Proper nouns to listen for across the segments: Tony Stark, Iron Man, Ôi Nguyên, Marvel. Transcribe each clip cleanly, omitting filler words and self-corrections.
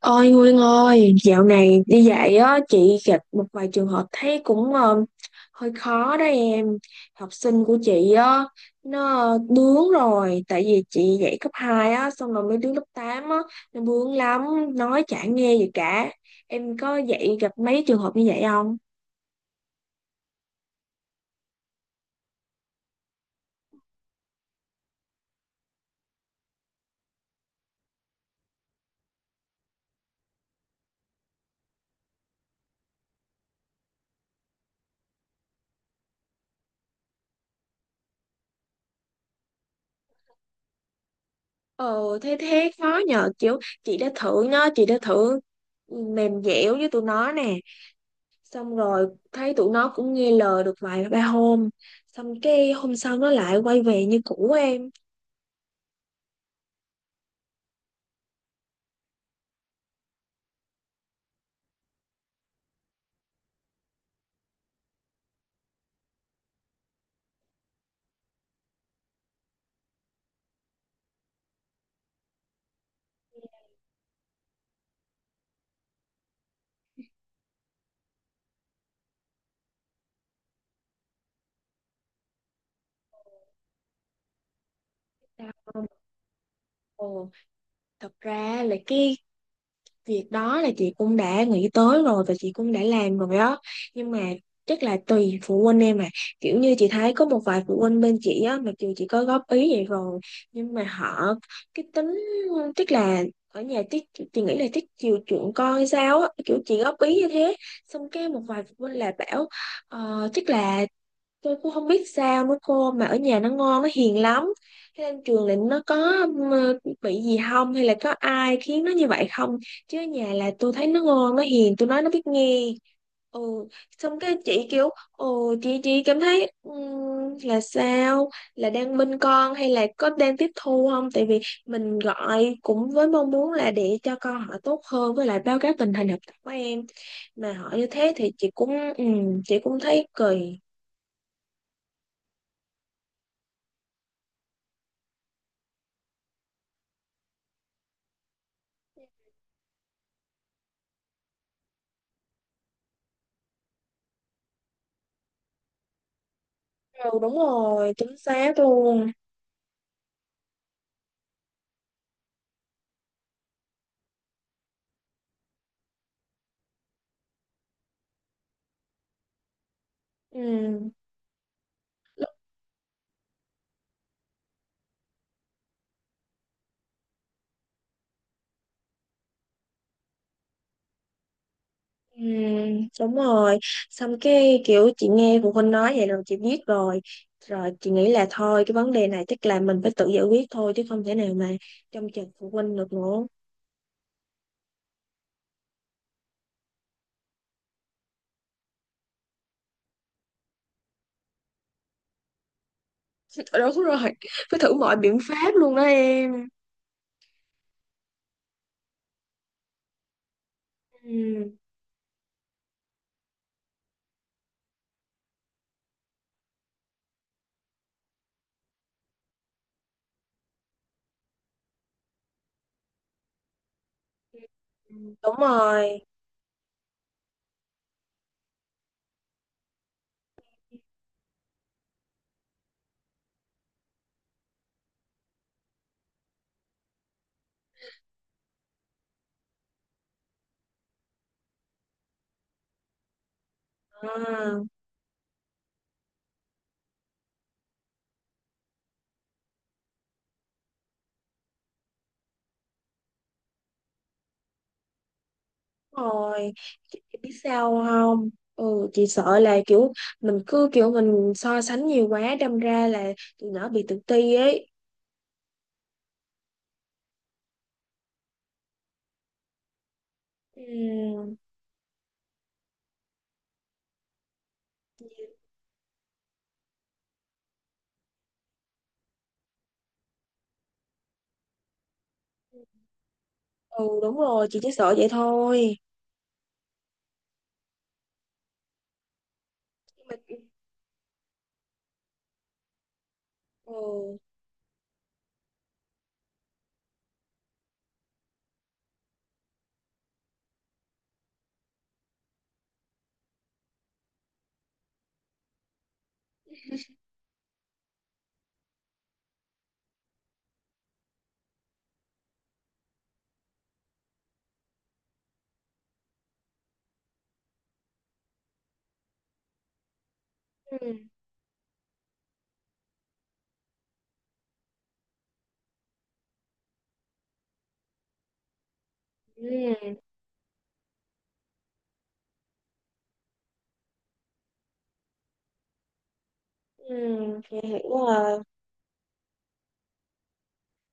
Ôi Nguyên ơi, dạo này đi dạy á, chị gặp một vài trường hợp thấy cũng hơi khó đó em. Học sinh của chị á, nó bướng rồi, tại vì chị dạy cấp 2 á, xong rồi mấy đứa lớp 8 á, nó bướng lắm, nói chả nghe gì cả. Em có dạy gặp mấy trường hợp như vậy không? Ờ, thế thế khó nhờ, kiểu chị đã thử mềm dẻo với tụi nó nè. Xong rồi thấy tụi nó cũng nghe lời được vài ba hôm, xong cái hôm sau nó lại quay về như cũ em. Tao- Ồ, thật ra là cái việc đó là chị cũng đã nghĩ tới rồi và chị cũng đã làm rồi đó, nhưng mà chắc là tùy phụ huynh em à. Kiểu như chị thấy có một vài phụ huynh bên chị á, mặc dù chị có góp ý vậy rồi nhưng mà họ cái tính, tức là ở nhà tiết, chị nghĩ là tiết chiều chuộng con hay sao á, kiểu chị góp ý như thế. Xong cái một vài phụ huynh là bảo tức là tôi cũng không biết sao nữa cô, mà ở nhà nó ngoan nó hiền lắm, thế lên trường là nó có bị gì không, hay là có ai khiến nó như vậy không, chứ ở nhà là tôi thấy nó ngoan nó hiền, tôi nói nó biết nghe. Ừ. Xong cái chị kiểu ừ, chị cảm thấy là sao, là đang bên con hay là có đang tiếp thu không, tại vì mình gọi cũng với mong muốn là để cho con họ tốt hơn, với lại báo cáo tình hình học tập của em, mà họ như thế thì chị cũng thấy cười. Ừ, đúng rồi, chính xác luôn. Ừ, ừ, đúng rồi. Xong cái kiểu chị nghe phụ huynh nói vậy rồi chị biết rồi, rồi chị nghĩ là thôi, cái vấn đề này chắc là mình phải tự giải quyết thôi, chứ không thể nào mà trông chờ phụ huynh được nữa. Đúng rồi, phải thử mọi biện pháp luôn đó em. Ừ, đúng rồi. À. Rồi, chị biết sao không, ừ chị sợ là kiểu mình cứ kiểu mình so sánh nhiều quá đâm ra là tụi nó bị tự ti ấy. Ừm. Ừ đúng rồi, chị chỉ sợ vậy thôi. Nhưng mà ừ. Ừ. Ừ. Ừ, chị hiểu rồi.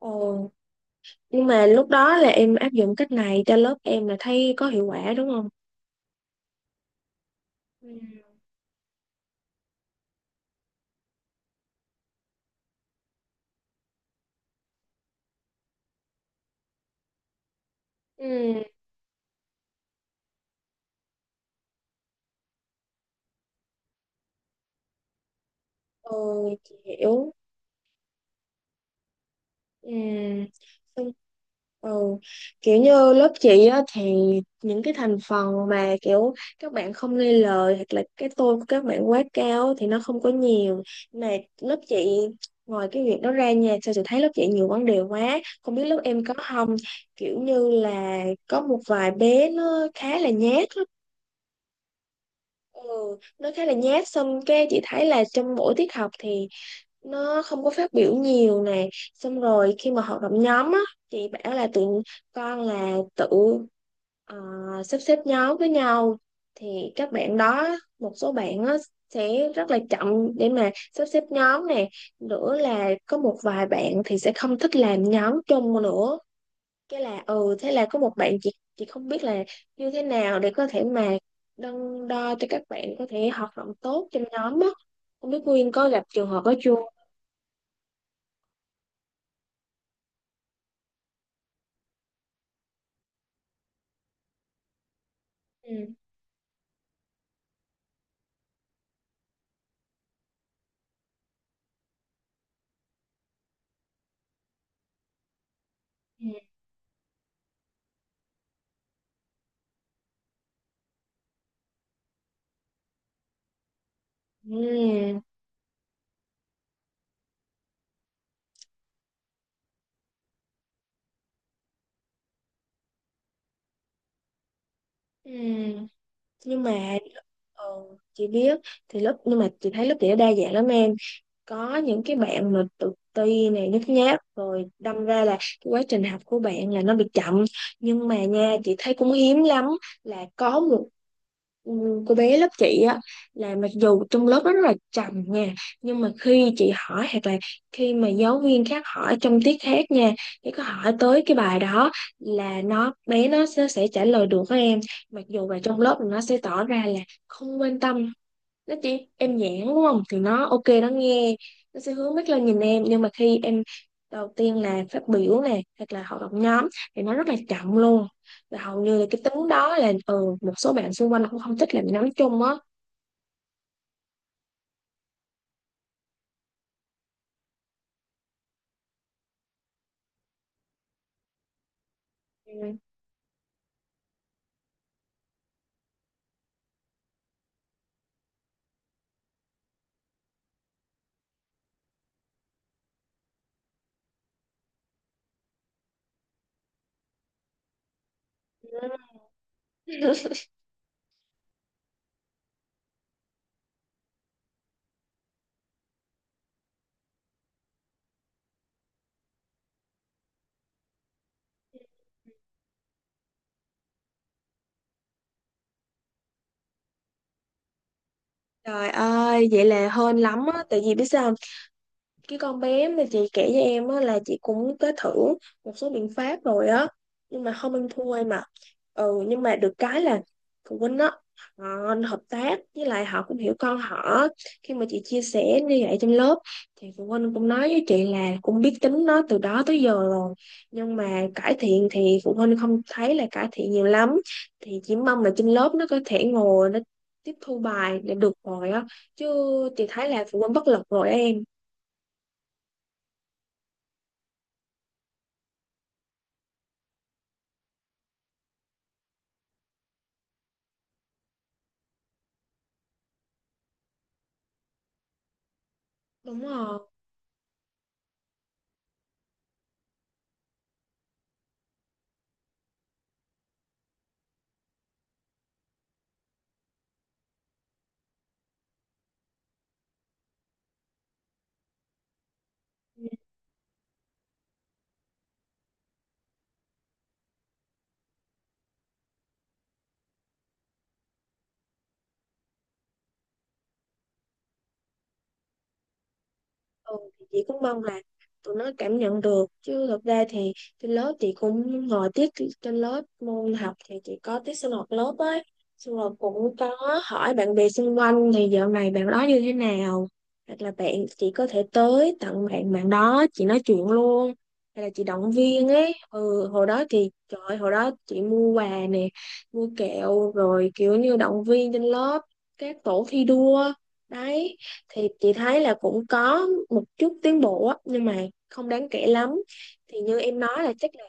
Ừ, nhưng mà lúc đó là em áp dụng cách này cho lớp em là thấy có hiệu quả đúng không? Ừ. Ừ. Ừ, chị hiểu. Ừ. xong- Ừ. Kiểu như lớp chị á, thì những cái thành phần mà kiểu các bạn không nghe lời hoặc là cái tôi của các bạn quá cao á, thì nó không có nhiều, mà lớp chị ngoài cái việc đó ra nha, sao chị thấy lớp chị nhiều vấn đề quá, không biết lớp em có không. Kiểu như là có một vài bé nó khá là nhát lắm. Ừ, nó khá là nhát, xong cái chị thấy là trong mỗi tiết học thì nó không có phát biểu nhiều nè, xong rồi khi mà hoạt động nhóm á, chị bảo là tụi con là tự ờ, sắp xếp nhóm với nhau, thì các bạn đó, một số bạn á, sẽ rất là chậm để mà sắp xếp nhóm nè, nữa là có một vài bạn thì sẽ không thích làm nhóm chung nữa. Cái là ừ thế là có một bạn, chị không biết là như thế nào để có thể mà đo, đo cho các bạn có thể hoạt động tốt trong nhóm á. Không biết Nguyên có gặp trường hợp đó chưa? Ừ. Ừ. Ừ. Ừ. Nhưng mà ừ, chị biết, thì lớp, nhưng mà chị thấy lớp chị nó đa dạng lắm em, có những cái bạn mà tự ti này nhút nhát rồi đâm ra là cái quá trình học của bạn là nó bị chậm, nhưng mà nha chị thấy cũng hiếm lắm, là có một cô bé lớp chị á, là mặc dù trong lớp nó rất là trầm nha, nhưng mà khi chị hỏi hoặc là khi mà giáo viên khác hỏi trong tiết khác nha, thì có hỏi tới cái bài đó là nó, bé nó sẽ trả lời được các em, mặc dù là trong lớp nó sẽ tỏ ra là không quan tâm, nó chỉ em nhãn đúng không thì nó ok nó nghe, nó sẽ hướng mắt lên nhìn em, nhưng mà khi em đầu tiên là phát biểu nè hoặc là hoạt động nhóm thì nó rất là chậm luôn, và hầu như là cái tính đó là ừ một số bạn xung quanh cũng không thích làm nhóm chung á. Ừ. Trời ơi vậy là hên lắm á, tại vì biết sao, cái con bé mà chị kể cho em á, là chị cũng có thử một số biện pháp rồi á, nhưng mà không ăn thua em ạ. Ừ, nhưng mà được cái là phụ huynh á, họ hợp tác, với lại họ cũng hiểu con họ, khi mà chị chia sẻ như vậy trong lớp thì phụ huynh cũng nói với chị là cũng biết tính nó từ đó tới giờ rồi, nhưng mà cải thiện thì phụ huynh không thấy là cải thiện nhiều lắm, thì chỉ mong là trên lớp nó có thể ngồi nó tiếp thu bài để được rồi á, chứ chị thấy là phụ huynh bất lực rồi á em. Đúng rồi. Ừ, thì chị cũng mong là tụi nó cảm nhận được, chứ thực ra thì trên lớp chị cũng ngồi tiết, trên lớp môn học thì chị có tiết sinh hoạt lớp ấy, xong rồi cũng có hỏi bạn bè xung quanh thì dạo này bạn đó như thế nào, hoặc là bạn chị có thể tới tặng bạn, bạn đó chị nói chuyện luôn, hay là chị động viên ấy. Ừ, hồi đó thì trời ơi, hồi đó chị mua quà nè, mua kẹo, rồi kiểu như động viên trên lớp, các tổ thi đua đấy, thì chị thấy là cũng có một chút tiến bộ á, nhưng mà không đáng kể lắm, thì như em nói là chắc là,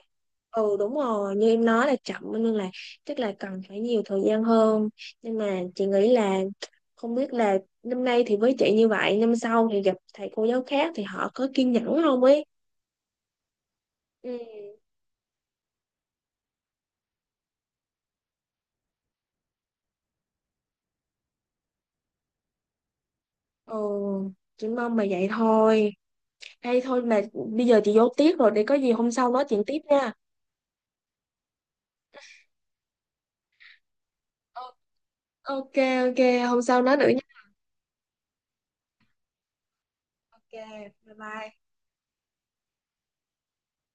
ừ đúng rồi như em nói là chậm, nên là chắc là cần phải nhiều thời gian hơn. Nhưng mà chị nghĩ là không biết là năm nay thì với chị như vậy, năm sau thì gặp thầy cô giáo khác thì họ có kiên nhẫn không ấy. Ừ. Ừ, chị mong mà vậy thôi. Đây thôi, mà bây giờ chị vô tiết rồi, để có gì hôm sau nói chuyện tiếp nha. Ờ, ok, ok, hôm sau nói nữa. Ok, bye bye.